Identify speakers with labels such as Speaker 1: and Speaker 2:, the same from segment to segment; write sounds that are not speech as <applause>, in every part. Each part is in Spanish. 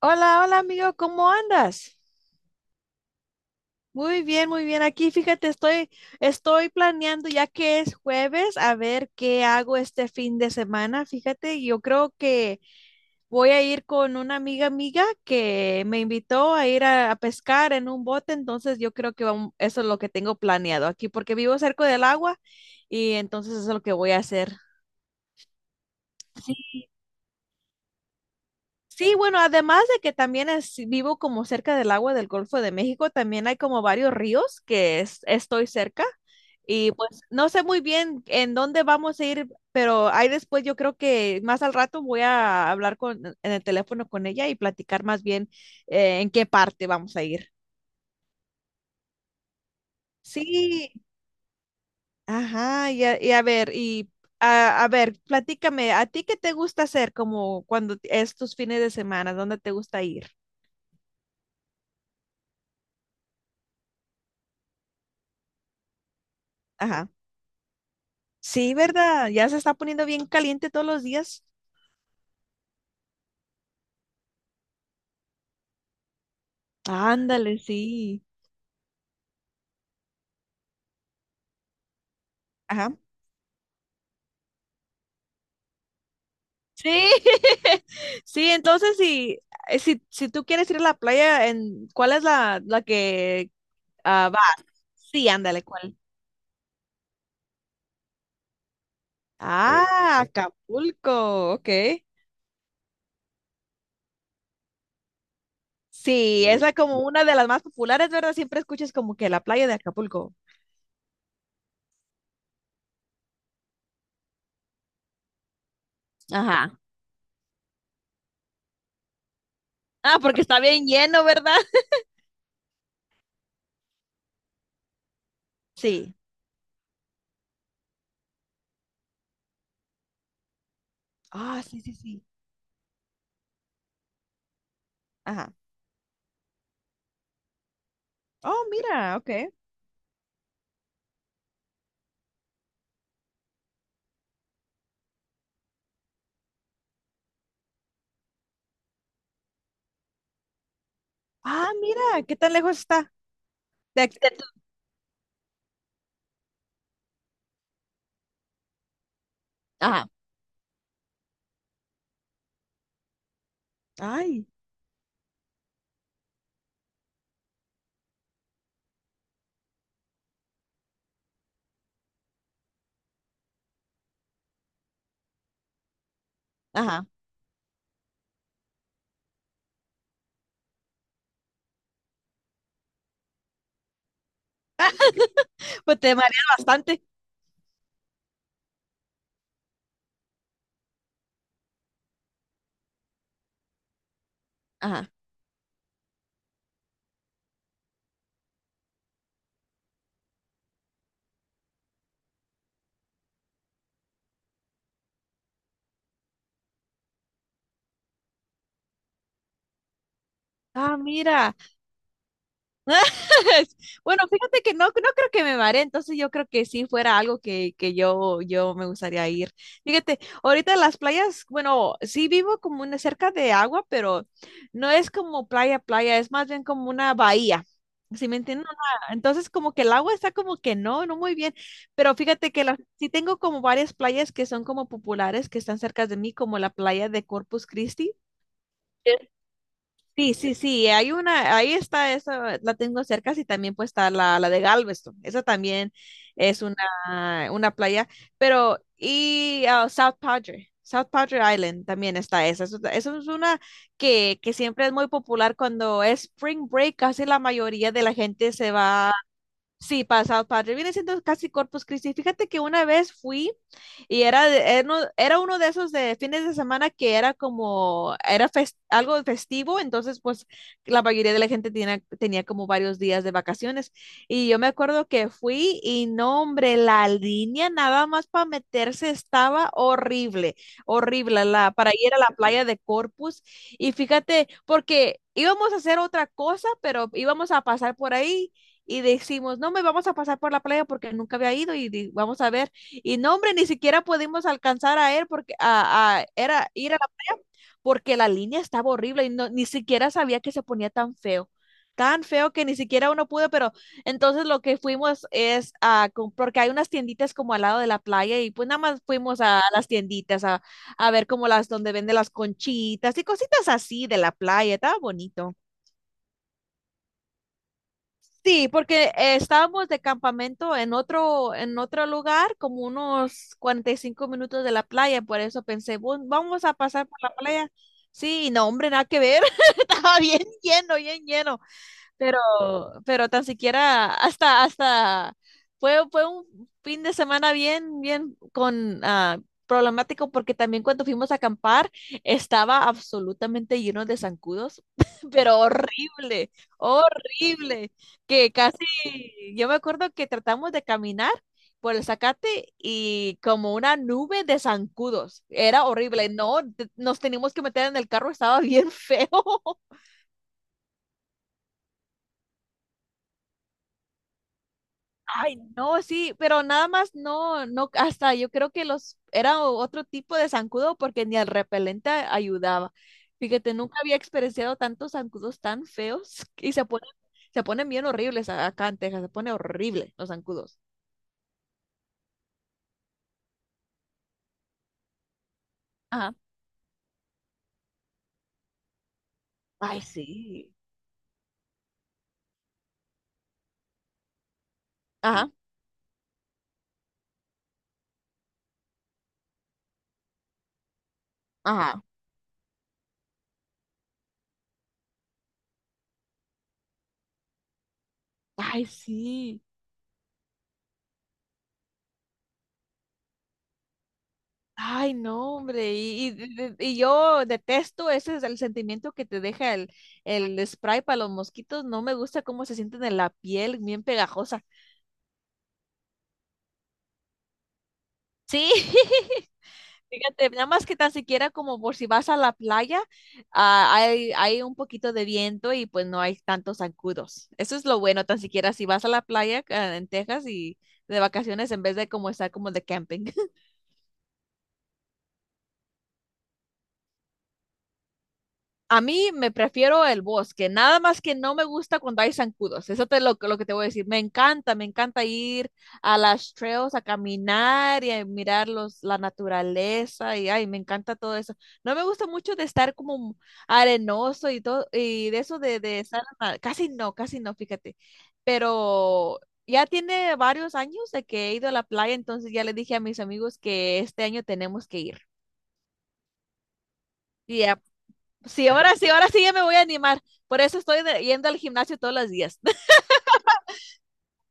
Speaker 1: Hola, hola amigo, ¿cómo andas? Muy bien, muy bien. Aquí, fíjate, estoy planeando ya que es jueves, a ver qué hago este fin de semana. Fíjate, yo creo que voy a ir con una amiga amiga que me invitó a ir a pescar en un bote, entonces yo creo que eso es lo que tengo planeado aquí, porque vivo cerca del agua y entonces eso es lo que voy a hacer. Sí, bueno, además de que también vivo como cerca del agua del Golfo de México, también hay como varios ríos que estoy cerca y pues no sé muy bien en dónde vamos a ir, pero ahí después yo creo que más al rato voy a hablar con, en el teléfono con ella y platicar más bien en qué parte vamos a ir. Sí, ajá, y a ver, y a ver, platícame, ¿a ti qué te gusta hacer como cuando es tus fines de semana? ¿Dónde te gusta ir? Ajá. Sí, ¿verdad? Ya se está poniendo bien caliente todos los días. Ándale, sí. Ajá. Sí, <laughs> Sí, entonces si tú quieres ir a la playa, en, ¿cuál es la que va? Sí, ándale, ¿cuál? Ah, Acapulco, ok. Sí, es sí, la, como una de las más populares, ¿verdad? Siempre escuchas como que la playa de Acapulco. Ajá. Ah, porque está bien lleno, ¿verdad? Sí. Ah, sí, sí, sí. Ajá. Oh, mira, ok. Ah, mira, ¿qué tan lejos está? de- de tu- Ajá, ay, ajá. Pues te mareas bastante. Ajá. Ah, mira. <laughs> Bueno, fíjate que no creo que me maree, entonces yo creo que sí fuera algo que yo me gustaría ir. Fíjate, ahorita las playas, bueno, sí vivo como una cerca de agua, pero no es como playa, playa, es más bien como una bahía. ¿Sí me entiendes? Entonces como que el agua está como que no muy bien, pero fíjate que la, sí tengo como varias playas que son como populares, que están cerca de mí, como la playa de Corpus Christi. Sí, sí, sí, hay una, ahí está esa, la tengo cerca, y también pues está la de Galveston, esa también es una playa, pero y South Padre Island también está esa, eso es una que siempre es muy popular cuando es Spring Break, casi la mayoría de la gente se va. Sí, pasado padre. Viene siendo casi Corpus Christi. Fíjate que una vez fui y era, era uno de esos de fines de semana que era como, era algo festivo, entonces pues la mayoría de la gente tenía como varios días de vacaciones. Y yo me acuerdo que fui y no, hombre, la línea nada más para meterse estaba horrible, horrible, la, para ir a la playa de Corpus. Y fíjate, porque íbamos a hacer otra cosa, pero íbamos a pasar por ahí y decimos, no, me vamos a pasar por la playa porque nunca había ido y vamos a ver. Y no, hombre, ni siquiera pudimos alcanzar a él porque era, ir a la playa porque la línea estaba horrible y no, ni siquiera sabía que se ponía tan feo. Tan feo que ni siquiera uno pudo, pero entonces lo que fuimos es porque hay unas tienditas como al lado de la playa y pues nada más fuimos a las tienditas a ver como las donde venden las conchitas y cositas así de la playa, estaba bonito. Sí, porque estábamos de campamento en otro lugar, como unos 45 minutos de la playa, por eso pensé, vamos a pasar por la playa." Sí, y no, hombre, nada que ver, <laughs> estaba bien lleno, bien lleno, pero, pero tan siquiera hasta, fue un fin de semana bien, bien con, problemático porque también cuando fuimos a acampar estaba absolutamente lleno de zancudos, <laughs> pero horrible, horrible, que casi, yo me acuerdo que tratamos de caminar por el zacate y como una nube de zancudos, era horrible, no, nos teníamos que meter en el carro, estaba bien feo. <laughs> Ay, no, sí, pero nada más no, no, hasta yo creo que los, era otro tipo de zancudo porque ni el repelente ayudaba. Fíjate, nunca había experienciado tantos zancudos tan feos y se ponen bien horribles acá en Texas, se pone horrible los zancudos. Ajá. Ay, sí. Ajá, ajá. Ay, sí. Ay, no, hombre. Y, y yo detesto, ese es el sentimiento que te deja el spray para los mosquitos. No me gusta cómo se sienten en la piel, bien pegajosa. Sí, <laughs> fíjate, nada más que tan siquiera como por si vas a la playa, hay un poquito de viento y pues no hay tantos zancudos. Eso es lo bueno, tan siquiera si vas a la playa en Texas y de vacaciones en vez de como estar como de camping. A mí me prefiero el bosque, nada más que no me gusta cuando hay zancudos. Eso es lo que te voy a decir. Me encanta ir a las trails a caminar y a mirar los, la naturaleza y ay, me encanta todo eso. No me gusta mucho de estar como arenoso y todo y de eso de estar casi no, fíjate. Pero ya tiene varios años de que he ido a la playa, entonces ya le dije a mis amigos que este año tenemos que ir. Ya sí, ahora sí, ahora sí ya me voy a animar. Por eso estoy yendo al gimnasio todos los días. <laughs>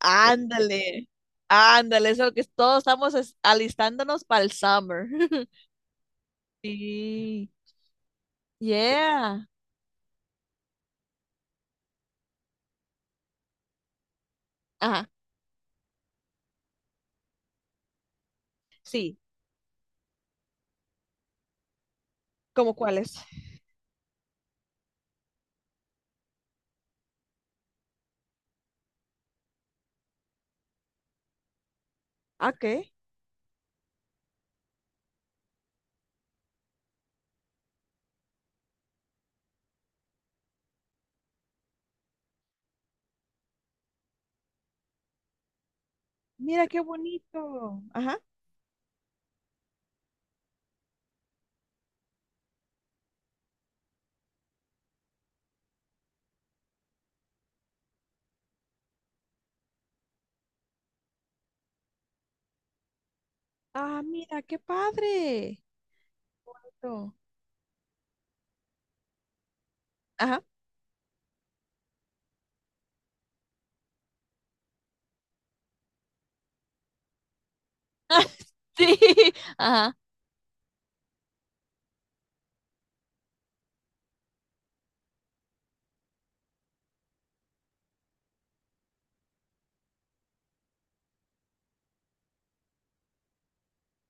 Speaker 1: Ándale, ándale, eso que todos estamos alistándonos para el summer. <laughs> Sí. Yeah. Ajá, sí. ¿Cómo cuáles? Ah, ¿qué? Mira qué bonito. Ajá. Ah, mira, qué padre. Esto. Ajá. <laughs> Sí. Ajá,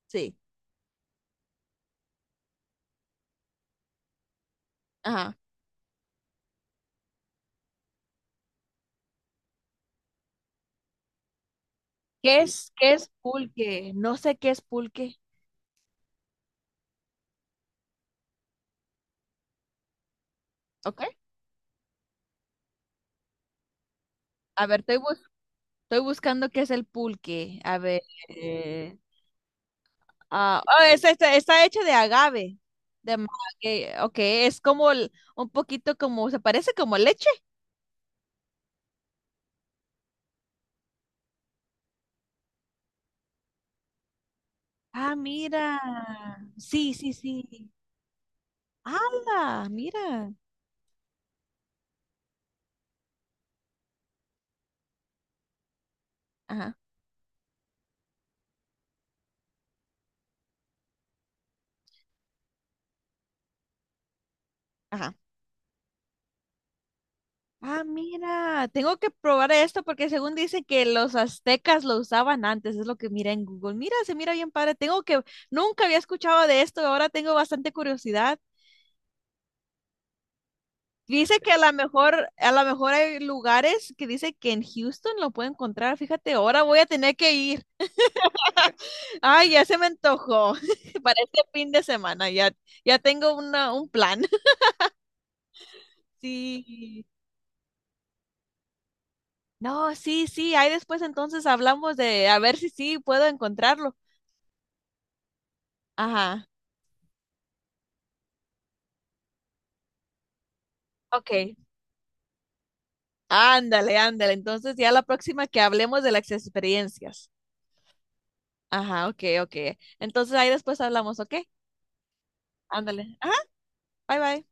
Speaker 1: sí. Ajá. ¿Qué es pulque? No sé qué es pulque. Ok. A ver, estoy buscando qué es el pulque. A ver. eh, está hecho de agave. De, ma- ok, es como un poquito como, se parece como leche. Ah, mira. Sí, sí, sí. ¡Hala! Mira. Ajá, ajá. Ah, mira. Tengo que probar esto porque según dicen que los aztecas lo usaban antes. Es lo que mira en Google. Mira, se mira bien padre. Tengo que, nunca había escuchado de esto. Ahora tengo bastante curiosidad. Dice que a lo mejor hay lugares que dice que en Houston lo puede encontrar. Fíjate, ahora voy a tener que ir. Ay, ya se me antojó <laughs> para este fin de semana. Ya, ya tengo un plan. <laughs> Sí. No, sí, sí. Ahí después entonces hablamos de a ver si sí puedo encontrarlo. Ajá. Ok. Ándale, ándale. Entonces ya la próxima que hablemos de las experiencias. Ajá, ok, ok. Entonces ahí después hablamos, ¿ok? Ándale. Ajá. Bye, bye.